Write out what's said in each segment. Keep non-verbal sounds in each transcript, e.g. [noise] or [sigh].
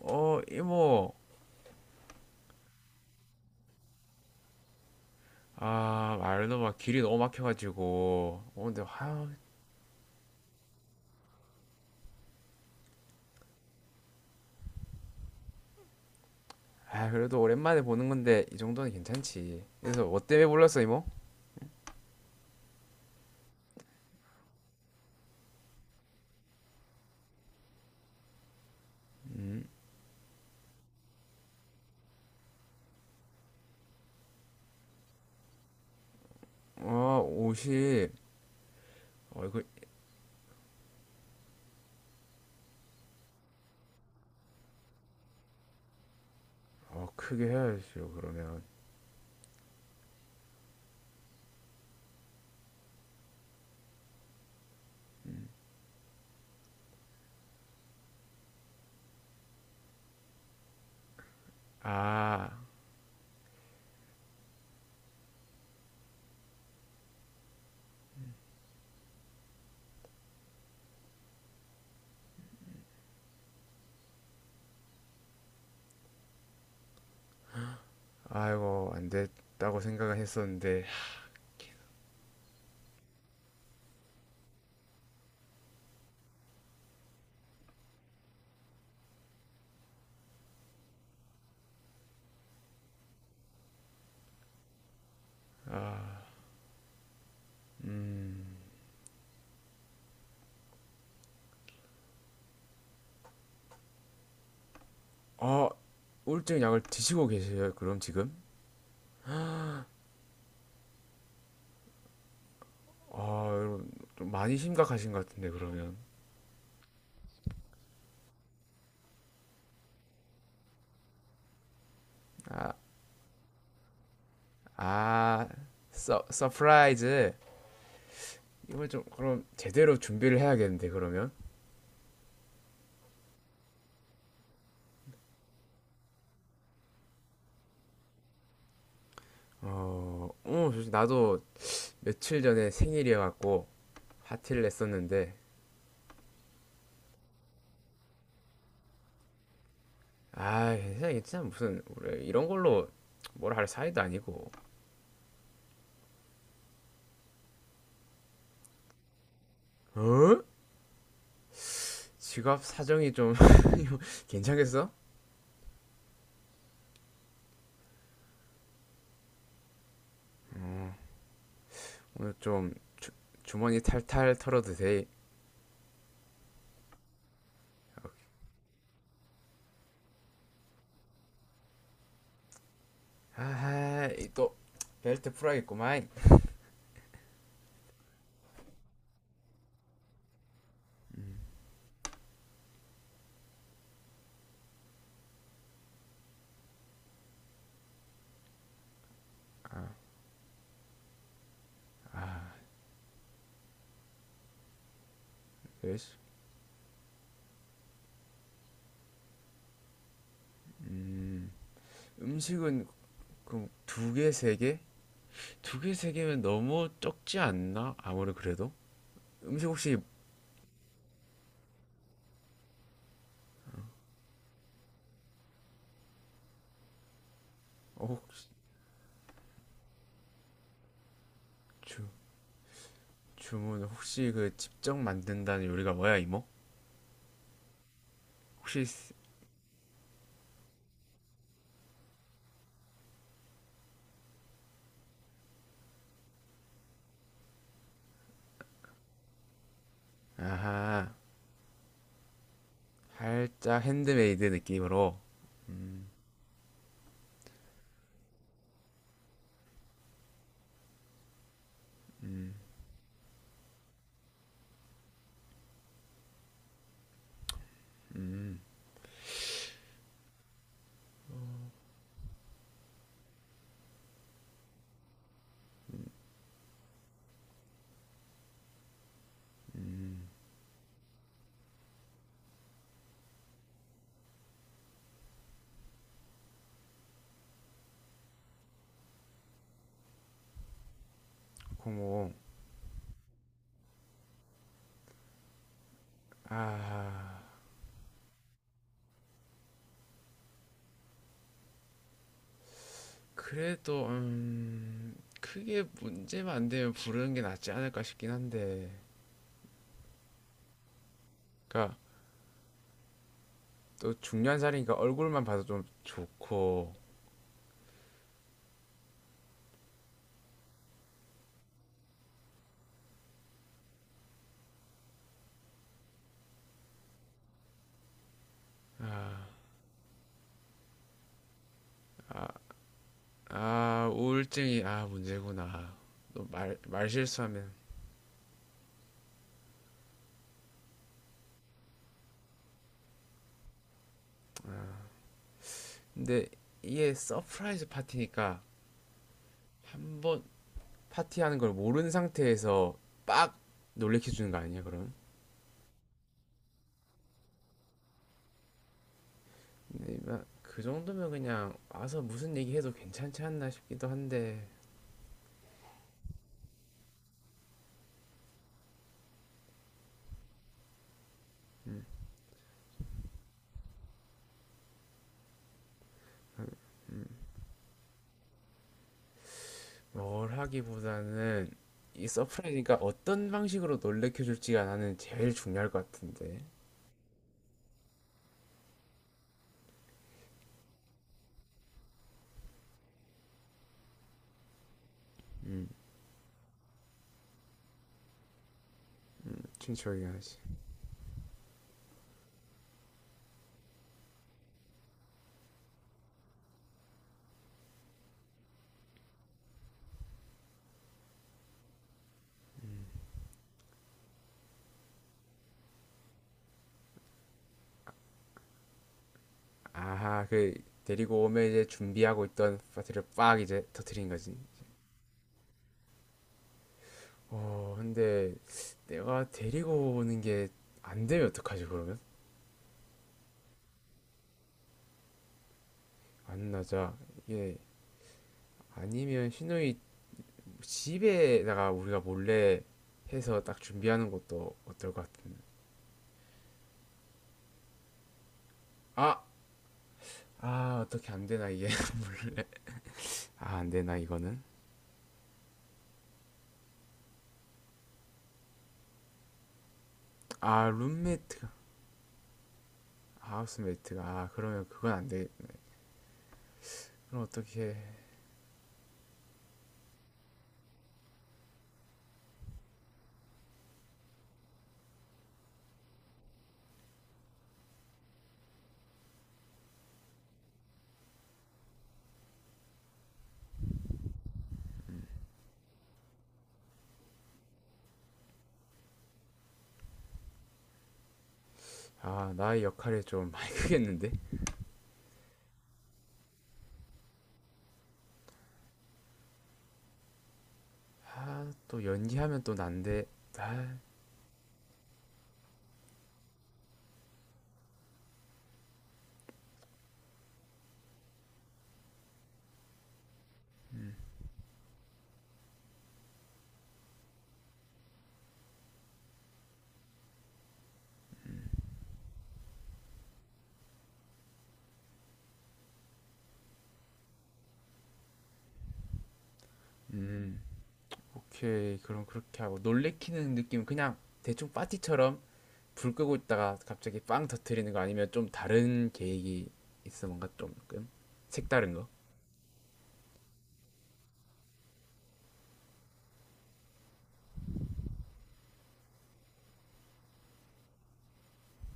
어, 이모. 아, 말도 막 길이 너무 막혀가지고. 어, 근데, 아, 아, 그래도 오랜만에 보는 건데, 이 정도는 괜찮지. 그래서, 뭐 때문에 불렀어, 이모? 어, 옷이, 어, 이거, 어, 크게 해야죠, 그러면. 아, 아이고, 안 됐다고 생각을 했었는데. 어, 우울증 약을 드시고 계세요, 그럼 지금? 아, 여러분, 좀 많이 심각하신 것 같은데, 그러면. 아, 서프라이즈. 이걸 좀 그럼 제대로 준비를 해야겠는데, 그러면. 어, 어, 나도 며칠 전에 생일이어갖고 파티를 냈었는데. 아, 괜찮아, 괜찮아. 무슨 우리 이런 걸로 뭐라 할 사이도 아니고. 어? 지갑 사정이 좀, [laughs] 괜찮겠어? 오늘 좀 주, 주머니 탈탈 털어도 돼. 아이, 또 벨트 풀어야겠구만. 음식은 그럼 두 개, 세 개? 두 개, 세 개면 너무 적지 않나? 아무리 그래도 음식 혹시, 어, 혹시 주, 주문 혹시 그 직접 만든다는 요리가 뭐야, 이모? 혹시. 아하, 살짝 핸드메이드 느낌으로. 고모. 아, 그래도, 음, 크게 문제만 안 되면 부르는 게 낫지 않을까 싶긴 한데. 그니까 또 중요한 자리니까 얼굴만 봐도 좀 좋고. 아, 우울증이, 아, 문제구나. 또 말 말실수하면. 근데 이게 서프라이즈 파티니까, 한번 파티하는 걸 모르는 상태에서 빡 놀래켜 주는 거 아니야, 그럼? 근데 그 정도면 그냥 와서 무슨 얘기해도 괜찮지 않나 싶기도 한데. 뭘 하기보다는 이 서프라이즈니까 어떤 방식으로 놀래켜 줄지가 나는 제일 중요할 것 같은데. 춘추하긴 하지. 아하, 그 데리고 오면 이제 준비하고 있던 파티를 빡 이제 터트린 거지. 어, 근데 내가 데리고 오는 게 안 되면 어떡하지, 그러면? 안 나자, 이게. 아니면 신우이 집에다가 우리가 몰래 해서 딱 준비하는 것도 어떨 것 같은데. 아! 아, 어떻게 안 되나, 이게. [laughs] 아, 안 되나, 이거는? 아, 룸메이트가. 아, 하우스메이트가. 아, 그러면 그건 안 되겠네. 그럼 어떻게 해. 아, 나의 역할이 좀 많이 [laughs] 크겠는데? 아, 또 연기하면 또 난데. 아, 오케이. 그럼 그렇게 하고, 놀래키는 느낌, 그냥 대충 파티처럼 불 끄고 있다가 갑자기 빵 터트리는 거 아니면 좀 다른 계획이 있어, 뭔가 조금 색다른 거?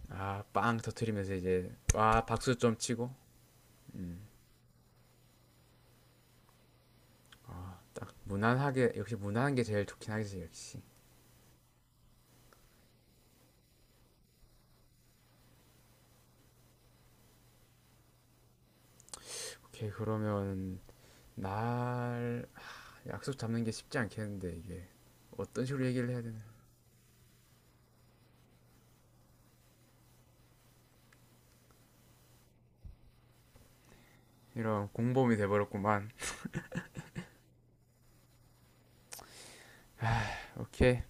아, 빵 터트리면서 이제 와 박수 좀 치고, 딱 무난하게, 역시 무난한 게 제일 좋긴 하겠지, 역시. 오케이, 그러면 날 하, 약속 잡는 게 쉽지 않겠는데 이게. 어떤 식으로 얘기를 해야 되나? 이런 공범이 돼버렸구만. 오케이,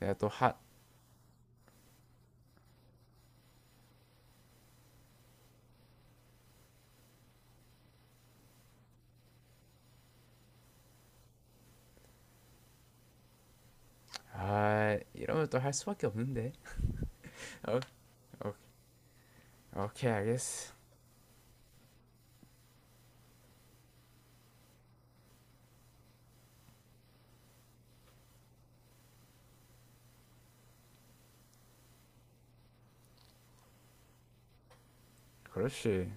내가 또 하. 아, 이러면 또 할 수밖에 없는데. 어, 어, 오케이 알겠어. 그렇지.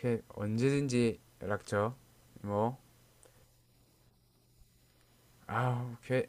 그냥 언제든지 연락 줘. 뭐, 아우, 그